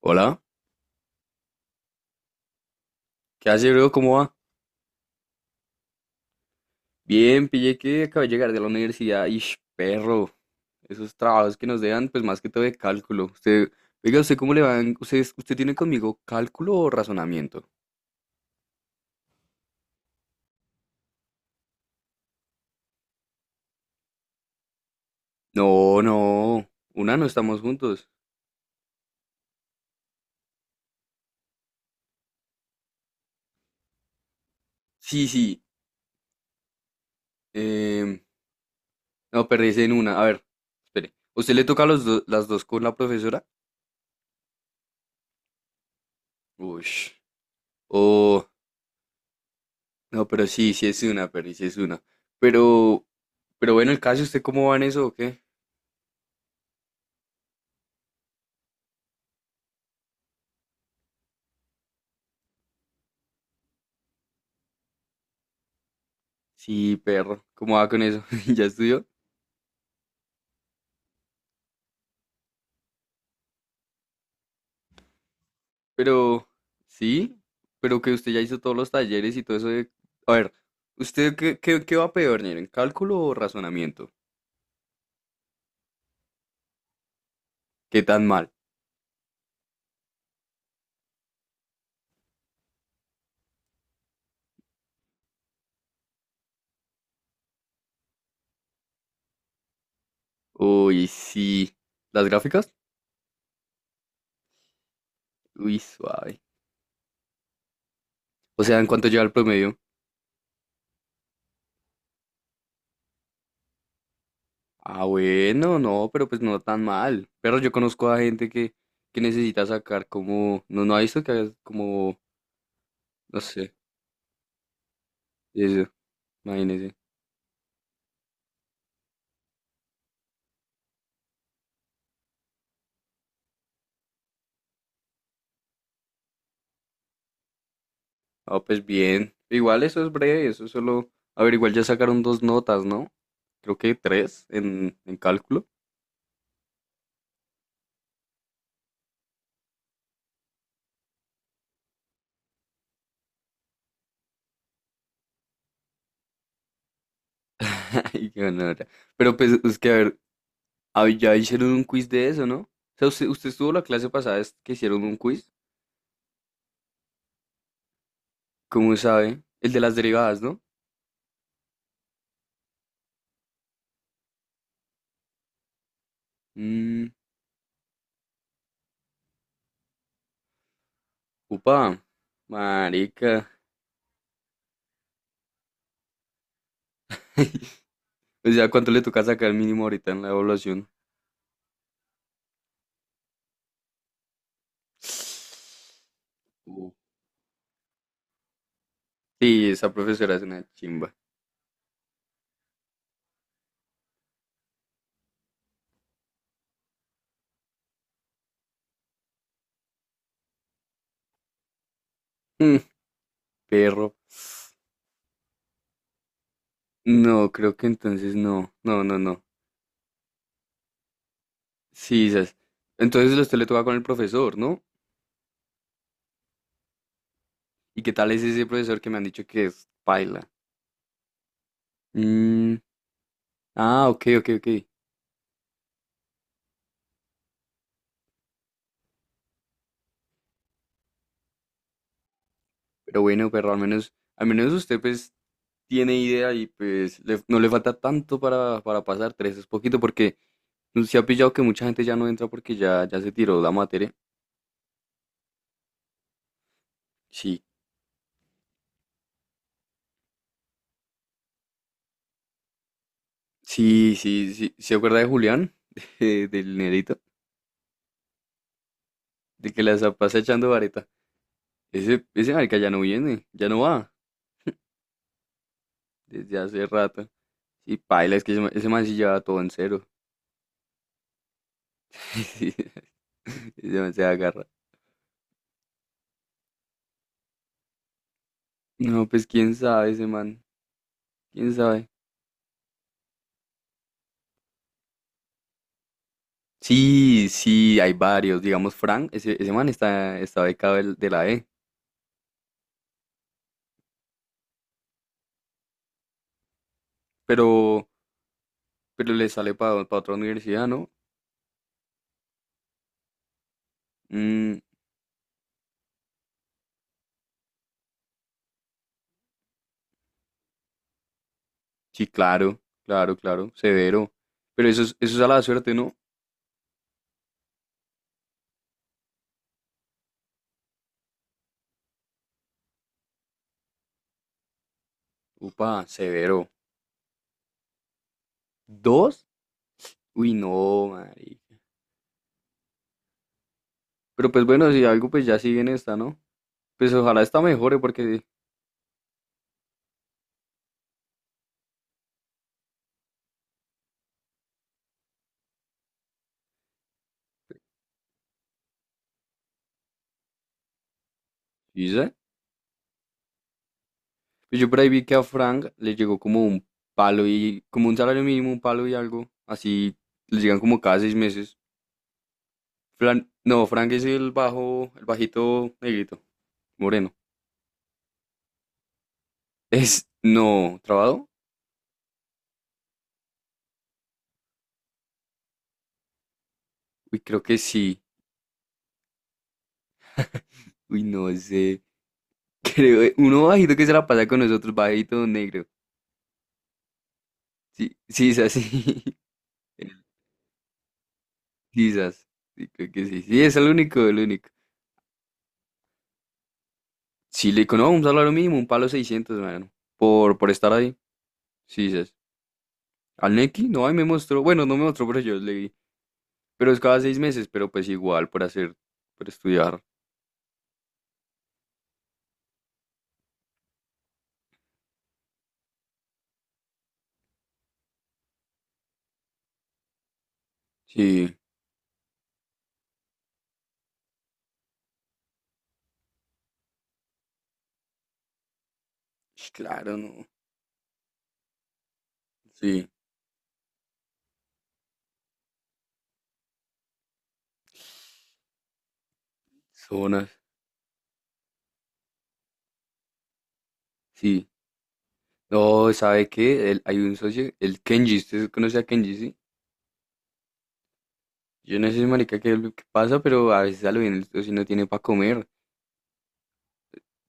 Hola, ¿qué hace, bro? ¿Cómo va? Bien, pillé que acabo de llegar de la universidad. Ish, perro, esos trabajos que nos dejan, pues más que todo de cálculo. Usted, oiga, ¿usted cómo le va? ¿Usted tiene conmigo cálculo o razonamiento? No, no, una no estamos juntos. Sí, sí, em, no, perdí en una. A ver, espere, ¿usted le toca las dos con la profesora? Ush. Oh, no, pero sí, sí es una, perdí, sí es una. Pero, pero bueno, el caso, ¿usted cómo va en eso o qué? Sí, perro, ¿cómo va con eso? ¿Ya estudió? Pero, sí, pero que usted ya hizo todos los talleres y todo eso de... A ver, ¿usted qué va peor, en ¿cálculo o razonamiento? ¿Qué tan mal? Uy, sí. ¿Las gráficas? Uy, suave. O sea, ¿en cuánto lleva el promedio? Ah, bueno, no, pero pues no tan mal. Pero yo conozco a gente que necesita sacar como... No, no ha visto que haga como... No sé, eso, imagínese. Ah, pues bien. Igual eso es breve, eso es solo... A ver, igual ya sacaron dos notas, ¿no? Creo que tres en cálculo. Ay, qué gonorrea. Pero pues es que, a ver, ah, ya hicieron un quiz de eso, ¿no? O sea, usted estuvo la clase pasada es que hicieron un quiz, ¿cómo sabe? El de las derivadas, ¿no? Mm, upa, marica. O sea, ¿cuánto le toca sacar mínimo ahorita en la evaluación? Uh, sí, esa profesora es una chimba. Mm, perro. No, creo que entonces no. No, no, no. Sí, esas. Entonces usted le toca con el profesor, ¿no? ¿Y qué tal es ese profesor que me han dicho que es paila? Mm, ah, ok, ok, ok. Pero bueno, pero al menos usted pues tiene idea y pues no le falta tanto para pasar tres, es poquito porque no se ha pillado que mucha gente ya no entra porque ya, ya se tiró la materia. Sí, sí, sí, sí. ¿Se acuerda de Julián? Del nerito, de que la pasa echando vareta. Ese marica ya no viene, ya no va, desde hace rato. Y paila, es que ese, ese man sí lleva todo en cero. Ese man se agarra. No, pues quién sabe ese man. ¿Quién sabe? Sí, sí, hay varios. Digamos, Frank, ese man está, está becado de la E. Pero, pero le sale para otra universidad, ¿no? Mm, sí, claro, claro, claro. Severo. Pero eso es a la suerte, ¿no? Upa, severo. ¿Dos? Uy, no, marica. Pero pues bueno, si algo pues ya sigue en esta, ¿no? Pues ojalá esta mejore porque... ¿Dice? Pues yo por ahí vi que a Frank le llegó como un palo y como un salario mínimo, un palo y algo. Así le llegan como cada seis meses. No, Frank es el bajo, el bajito negrito, moreno. Es, no, ¿trabado? Uy, creo que sí. Uy, no sé. Creo, uno bajito que se la pasa con nosotros, bajito negro. Sí, sí, es así. El sisas. Sí, creo que sí. Sí, es el único, el único. Sí, le digo, no, un salario mínimo, un palo 600 mano. Por estar ahí. Sí, sí. Al Neki, no, ahí me mostró, bueno, no me mostró, pero yo leí. Pero es cada seis meses, pero pues igual, para hacer, para estudiar. Sí, sh, claro, no. Sí, zonas, sí. No, ¿sabe qué? Hay un socio, el Kenji, ¿usted conoce a Kenji, sí? Yo no sé, marica, qué es lo que pasa, pero a veces a lo bien el socio no tiene para comer.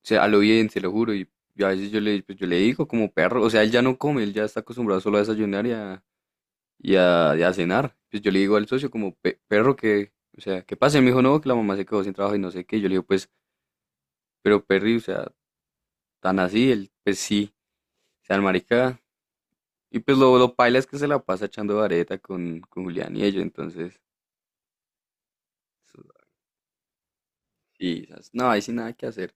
O sea, a lo bien, se lo juro. Y a veces yo le, pues, yo le digo como perro, o sea, él ya no come, él ya está acostumbrado solo a desayunar y a cenar. Pues yo le digo al socio como, perro, que, o sea, ¿qué pasa?" Y me dijo, no, que la mamá se quedó sin trabajo y no sé qué. Yo le digo, pues, pero Perry, o sea, tan así, él, pues sí, o sea, el marica. Y pues lo paila es que se la pasa echando vareta con Julián y ellos, entonces, eso- y no, ahí sí nada que hacer.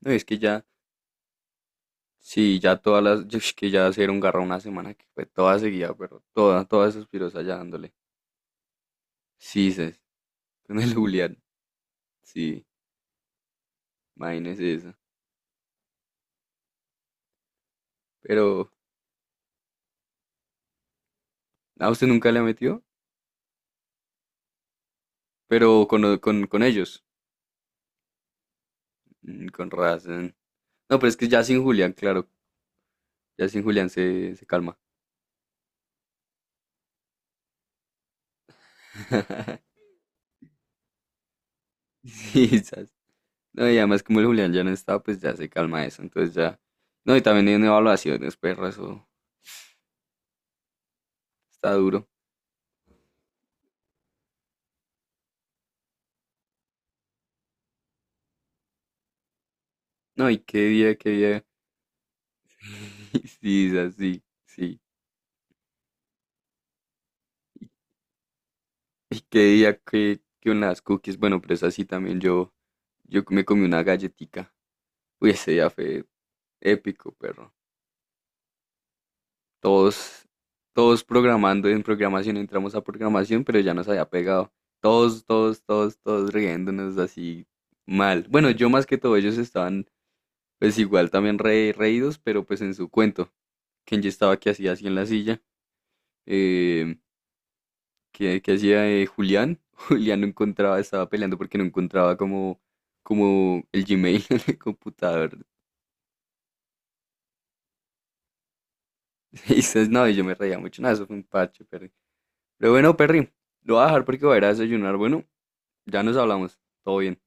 No, es que ya, sí, ya todas las, yo, es que ya hacer un garra una semana que fue toda seguida, pero toda, todas esas piros ya dándole. Sí, ses, con el Julián, sí, imagínese eso. Pero, ¿a usted nunca le ha metido? Pero con, con ellos, mm, con razón. No, pero es que ya sin Julián, claro, ya sin Julián se, se calma. Sí, sas. No, y además como el Julián ya no está, pues ya se calma eso, entonces ya. No, y también en evaluaciones, perro, eso está duro. No, y qué día, qué día. Sí, sas, sí, sí. Y qué día que unas cookies, bueno, pero es así también yo me comí una galletica. Uy, ese día fue épico, perro. Todos, todos programando en programación, entramos a programación, pero ya nos había pegado. Todos, todos, todos, todos riéndonos así mal. Bueno, yo más que todo, ellos estaban pues igual también reídos, pero pues en su cuento. Kenji estaba que hacía así en la silla. Eh, que hacía Julián. Julián no encontraba, estaba peleando porque no encontraba como, como el Gmail en el computador. Y dices, no, y yo me reía mucho. No, eso fue un parche, Perry. Pero bueno, Perry, lo voy a dejar porque voy a ir a desayunar. Bueno, ya nos hablamos. Todo bien.